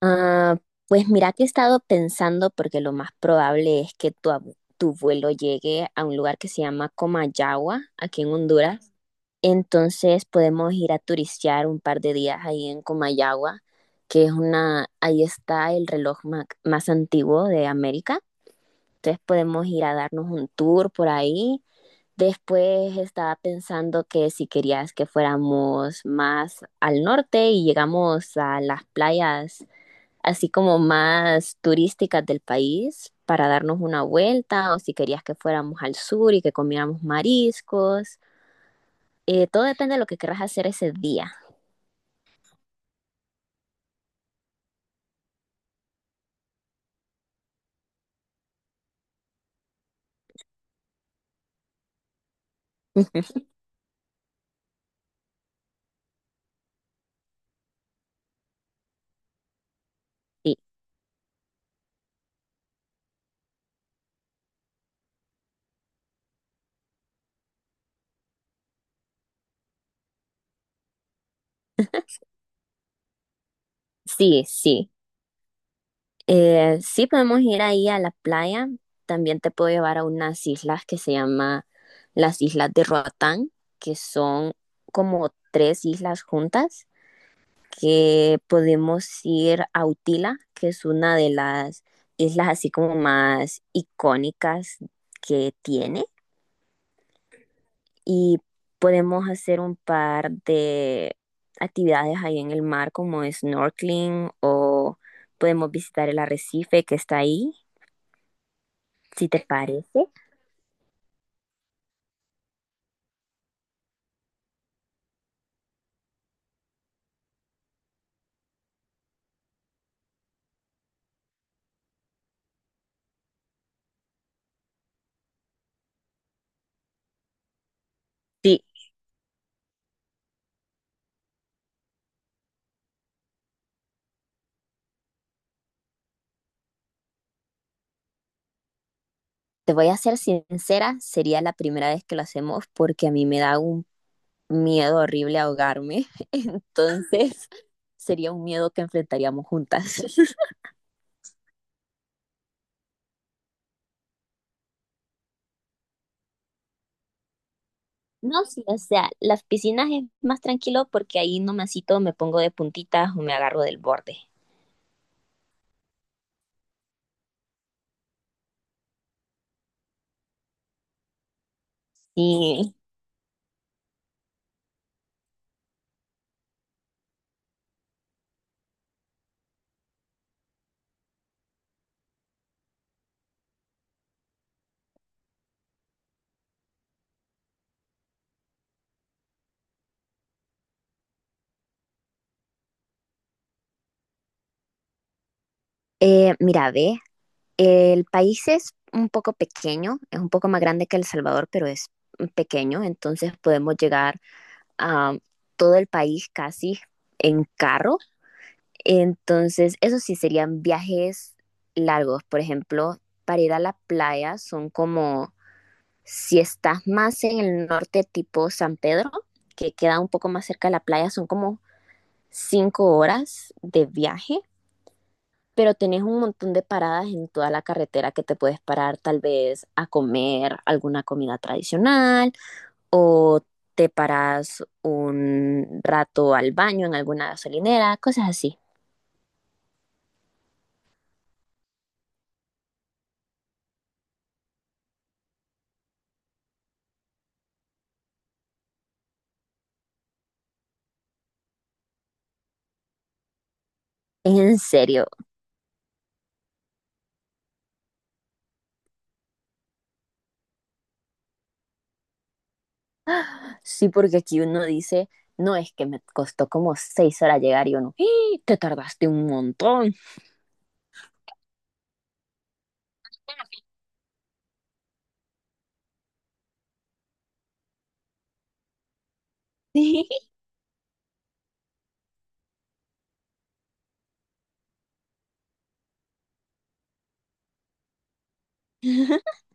Ah, pues mira que he estado pensando porque lo más probable es que tu vuelo llegue a un lugar que se llama Comayagua, aquí en Honduras. Entonces podemos ir a turistear un par de días ahí en Comayagua, que es ahí está el reloj más antiguo de América. Entonces podemos ir a darnos un tour por ahí. Después estaba pensando que si querías que fuéramos más al norte y llegamos a las playas así como más turísticas del país para darnos una vuelta o si querías que fuéramos al sur y que comiéramos mariscos. Todo depende de lo que querrás hacer ese día. Sí, sí, sí. Sí podemos ir ahí a la playa. También te puedo llevar a unas islas que se llama las Islas de Roatán, que son como tres islas juntas que podemos ir a Utila, que es una de las islas así como más icónicas que tiene y podemos hacer un par de actividades ahí en el mar como snorkeling o podemos visitar el arrecife que está ahí, si te parece. Sí, te voy a ser sincera, sería la primera vez que lo hacemos porque a mí me da un miedo horrible a ahogarme, entonces sería un miedo que enfrentaríamos juntas. No, sí, o sea, las piscinas es más tranquilo porque ahí nomásito me pongo de puntitas o me agarro del borde. Sí. Mira, ve, el país es un poco pequeño, es un poco más grande que El Salvador, pero es pequeño, entonces podemos llegar a todo el país casi en carro. Entonces, eso sí serían viajes largos. Por ejemplo, para ir a la playa son como, si estás más en el norte tipo San Pedro, que queda un poco más cerca de la playa, son como 5 horas de viaje, pero tenés un montón de paradas en toda la carretera que te puedes parar tal vez a comer alguna comida tradicional o te paras un rato al baño en alguna gasolinera, cosas así. ¿En serio? Sí, porque aquí uno dice, no, es que me costó como 6 horas llegar y uno, ¡ih! Te tardaste un montón. Sí.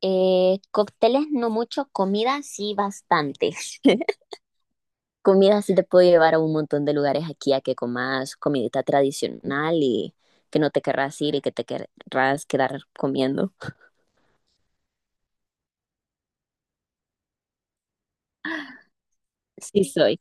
Cócteles no mucho, comida sí bastante. Comida sí te puedo llevar a un montón de lugares aquí a que comas comidita tradicional y que no te querrás ir y que te querrás quedar comiendo. Sí soy.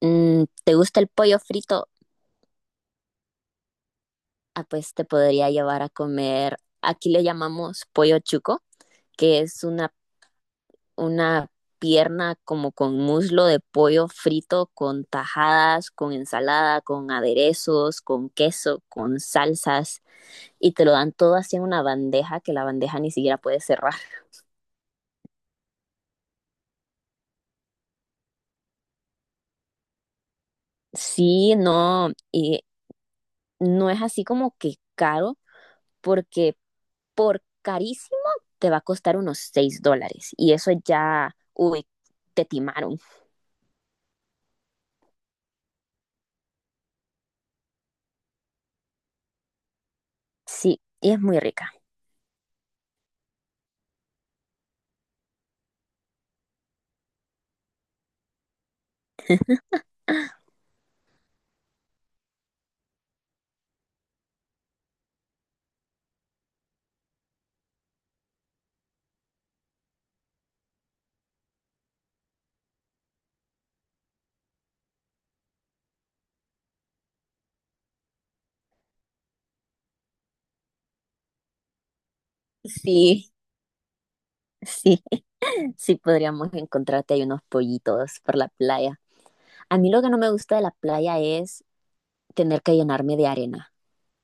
¿Te gusta el pollo frito? Ah, pues te podría llevar a comer, aquí le llamamos pollo chuco, que es una una pierna como con muslo de pollo frito, con tajadas, con ensalada, con aderezos, con queso, con salsas, y te lo dan todo así en una bandeja que la bandeja ni siquiera puede cerrar. Sí, no, y no es así como que caro, porque por carísimo te va a costar unos $6, y eso ya, uy, te timaron. Sí, y es muy rica. Sí, sí. Sí, podríamos encontrarte ahí unos pollitos por la playa. A mí lo que no me gusta de la playa es tener que llenarme de arena.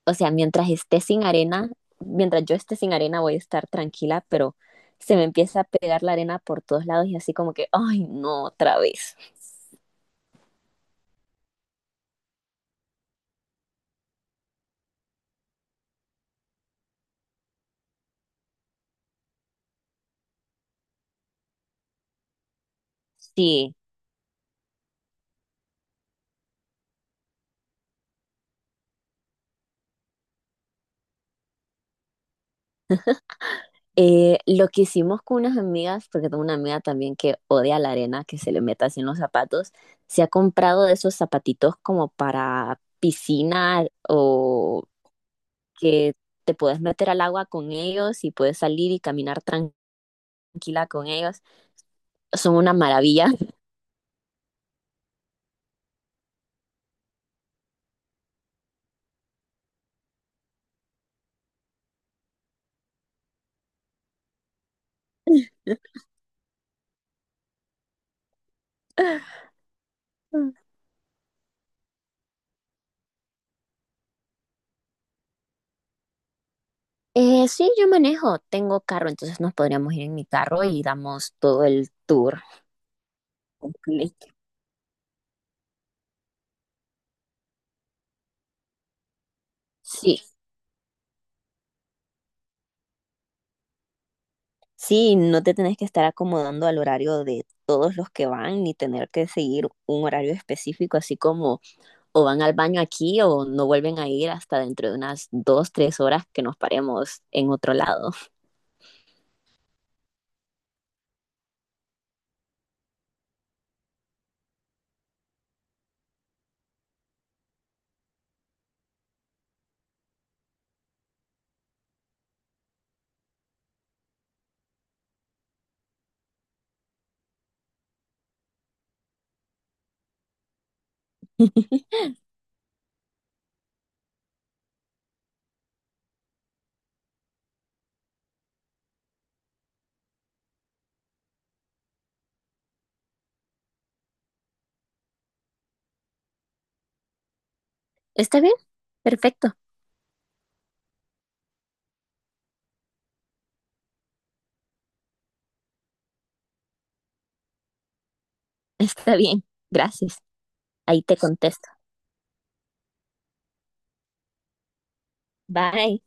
O sea, mientras esté sin arena, mientras yo esté sin arena voy a estar tranquila, pero se me empieza a pegar la arena por todos lados y así como que, ay, no, otra vez. Sí, lo que hicimos con unas amigas, porque tengo una amiga también que odia la arena, que se le meta así en los zapatos, se ha comprado de esos zapatitos como para piscina o que te puedes meter al agua con ellos y puedes salir y caminar tranquila con ellos. Son una maravilla. Sí, yo manejo, tengo carro, entonces nos podríamos ir en mi carro y damos todo el tour completo. Sí, sí, no te tenés que estar acomodando al horario de todos los que van ni tener que seguir un horario específico, así como o van al baño aquí o no vuelven a ir hasta dentro de unas 2, 3 horas que nos paremos en otro lado. ¿Está bien? Perfecto. Está bien, gracias. Ahí te contesto. Bye.